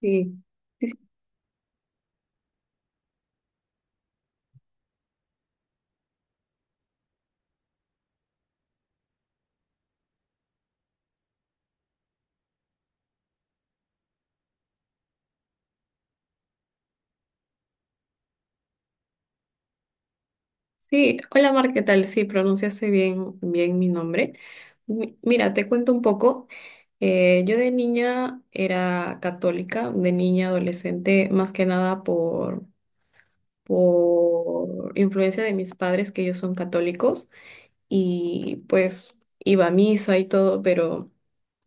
Sí, sí, sí. Hola Mar, ¿qué tal? Sí, pronunciaste bien mi nombre. Mira, te cuento un poco. Yo de niña era católica, de niña adolescente, más que nada por influencia de mis padres, que ellos son católicos, y pues iba a misa y todo, pero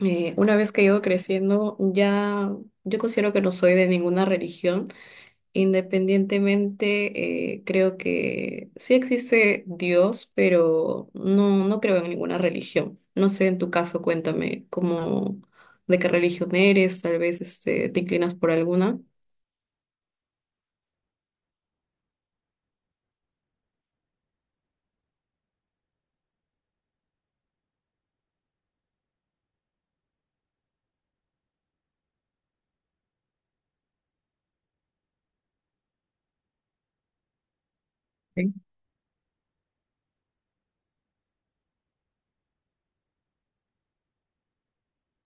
una vez que he ido creciendo, ya yo considero que no soy de ninguna religión. Independientemente, creo que sí existe Dios, pero no creo en ninguna religión. No sé, en tu caso, cuéntame de qué religión eres, tal vez este, te inclinas por alguna. Sí.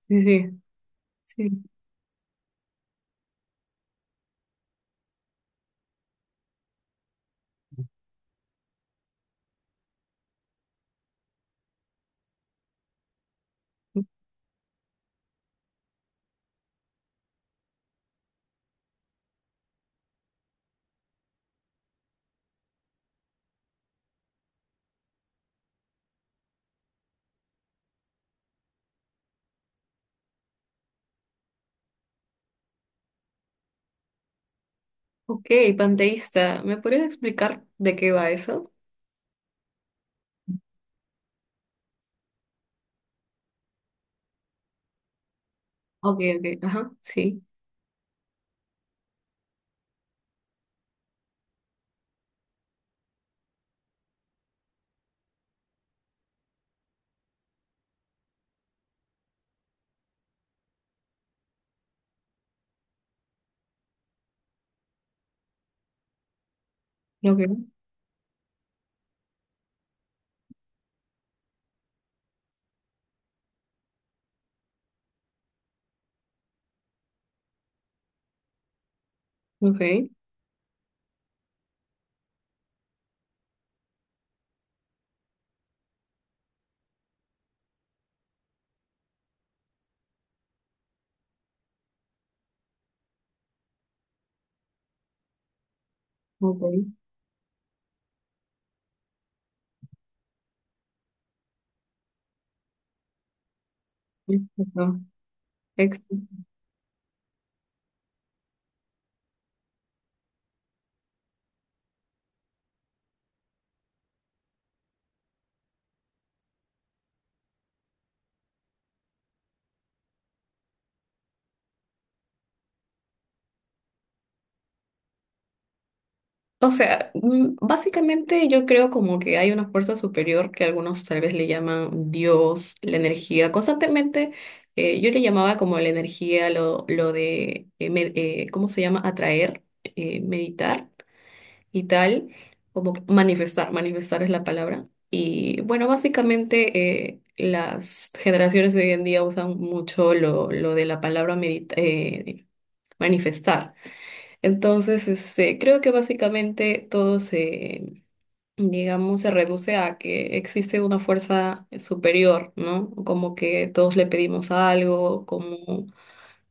Sí, sí, sí. Ok, panteísta, ¿me podrías explicar de qué va eso? Ok, ok, ajá, sí. Ok, ok, ok. Exacto. O sea, mm, básicamente yo creo como que hay una fuerza superior que algunos tal vez le llaman Dios, la energía. Constantemente yo le llamaba como la energía, lo de, ¿cómo se llama? Atraer, meditar y tal, como que manifestar es la palabra. Y bueno, básicamente las generaciones de hoy en día usan mucho lo de la palabra manifestar. Entonces, este, creo que básicamente todo se, digamos, se reduce a que existe una fuerza superior, ¿no? Como que todos le pedimos algo, como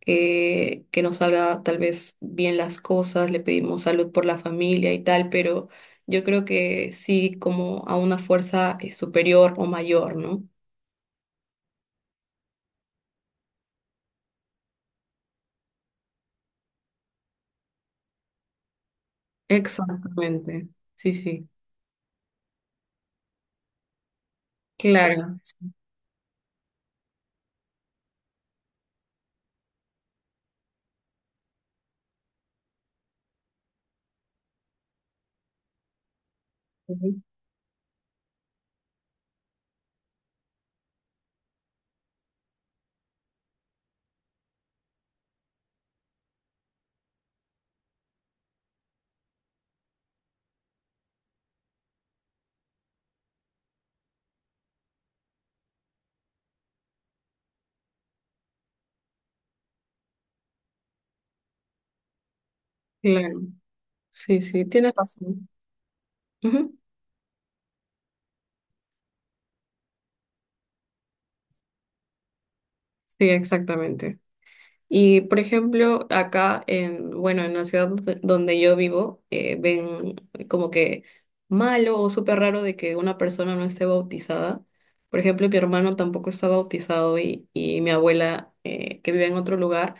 que nos salga tal vez bien las cosas, le pedimos salud por la familia y tal, pero yo creo que sí, como a una fuerza superior o mayor, ¿no? Exactamente. Sí, sí. Claro. Sí, Claro. Sí, sí, tienes razón. Ujú. Sí, exactamente. Y por ejemplo, bueno, en la ciudad donde yo vivo, ven como que malo o súper raro de que una persona no esté bautizada. Por ejemplo, mi hermano tampoco está bautizado y mi abuela, que vive en otro lugar,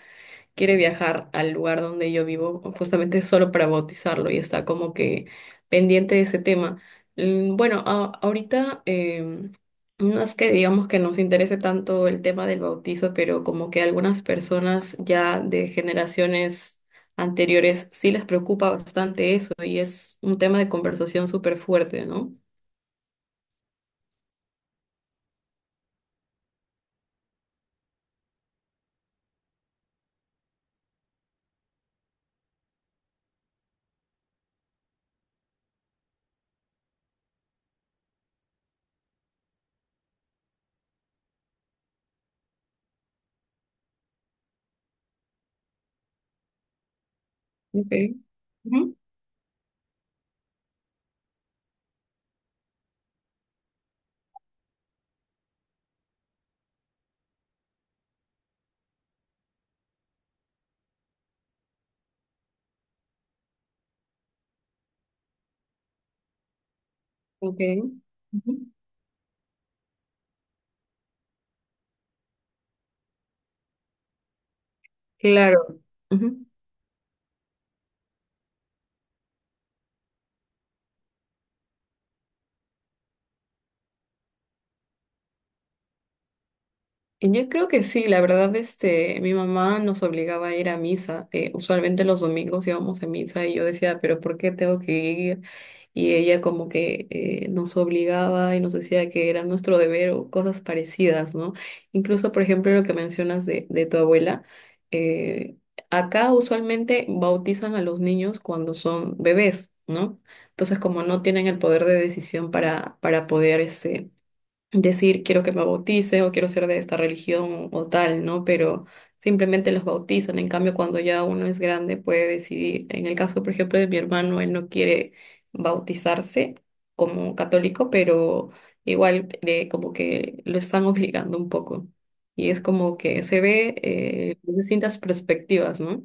quiere viajar al lugar donde yo vivo justamente solo para bautizarlo y está como que pendiente de ese tema. Mm, bueno, ahorita no es que digamos que nos interese tanto el tema del bautizo, pero como que algunas personas ya de generaciones anteriores sí les preocupa bastante eso y es un tema de conversación súper fuerte, ¿no? Okay. Ujú. Okay. Ujú. Claro. Ujú. Yo creo que sí, la verdad, este, mi mamá nos obligaba a ir a misa. Usualmente los domingos íbamos a misa y yo decía, pero ¿por qué tengo que ir? Y ella como que nos obligaba y nos decía que era nuestro deber o cosas parecidas, ¿no? Incluso, por ejemplo, lo que mencionas de tu abuela, eh, acá usualmente bautizan a los niños cuando son bebés, ¿no? Entonces, como no tienen el poder de decisión para poder, este, decir quiero que me bautice o quiero ser de esta religión o tal, ¿no? Pero simplemente los bautizan. En cambio, cuando ya uno es grande puede decidir. En el caso, por ejemplo, de mi hermano, él no quiere bautizarse como católico, pero igual como que lo están obligando un poco. Y es como que se ve desde distintas perspectivas, ¿no?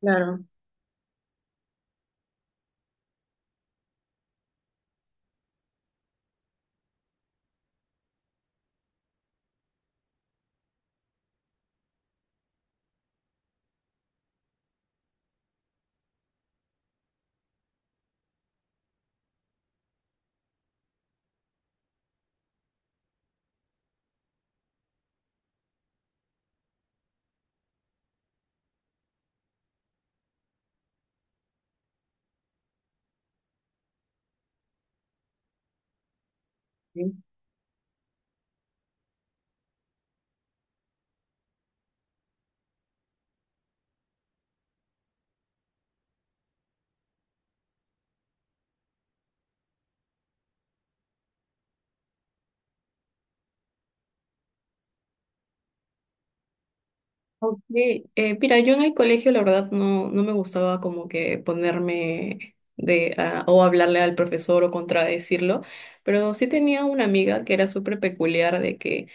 Claro. Ok, mira, yo en el colegio la verdad no me gustaba como que ponerme de ah, o hablarle al profesor o contradecirlo, pero sí tenía una amiga que era súper peculiar de que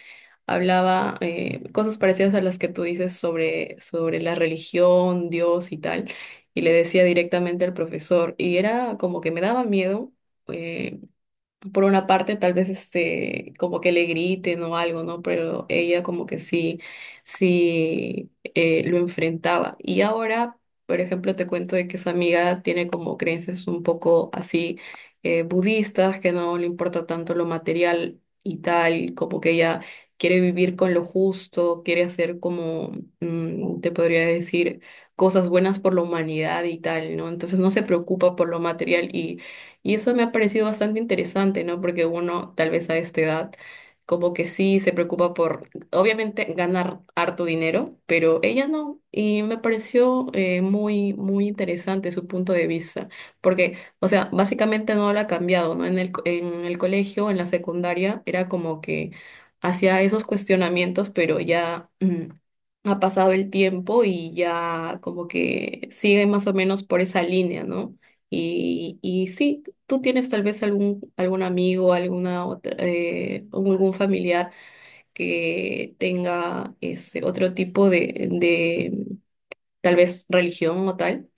hablaba cosas parecidas a las que tú dices sobre la religión, Dios y tal, y le decía directamente al profesor, y era como que me daba miedo. eh, por una parte tal vez este como que le griten o algo, ¿no? Pero ella como que sí, sí lo enfrentaba. Y ahora, por ejemplo, te cuento de que su amiga tiene como creencias un poco así budistas, que no le importa tanto lo material y tal, como que ella quiere vivir con lo justo, quiere hacer como, mm, te podría decir, cosas buenas por la humanidad y tal, ¿no? Entonces no se preocupa por lo material y eso me ha parecido bastante interesante, ¿no? Porque uno, tal vez a esta edad, como que sí se preocupa por, obviamente, ganar harto dinero, pero ella no. Y me pareció muy, muy interesante su punto de vista. Porque, o sea, básicamente no lo ha cambiado, ¿no? En el colegio, en la secundaria, era como que hacía esos cuestionamientos, pero ya... ha pasado el tiempo y ya como que sigue más o menos por esa línea, ¿no? Y sí, ¿tú tienes tal vez algún amigo, alguna otra, o algún familiar que tenga ese otro tipo de tal vez religión o tal?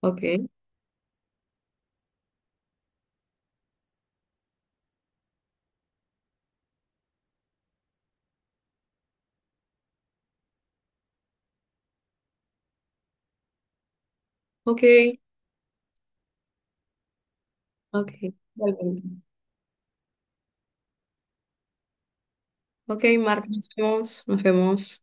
Ok, ok, ok, totalmente. Ok, Mark, nos vemos, nos vemos.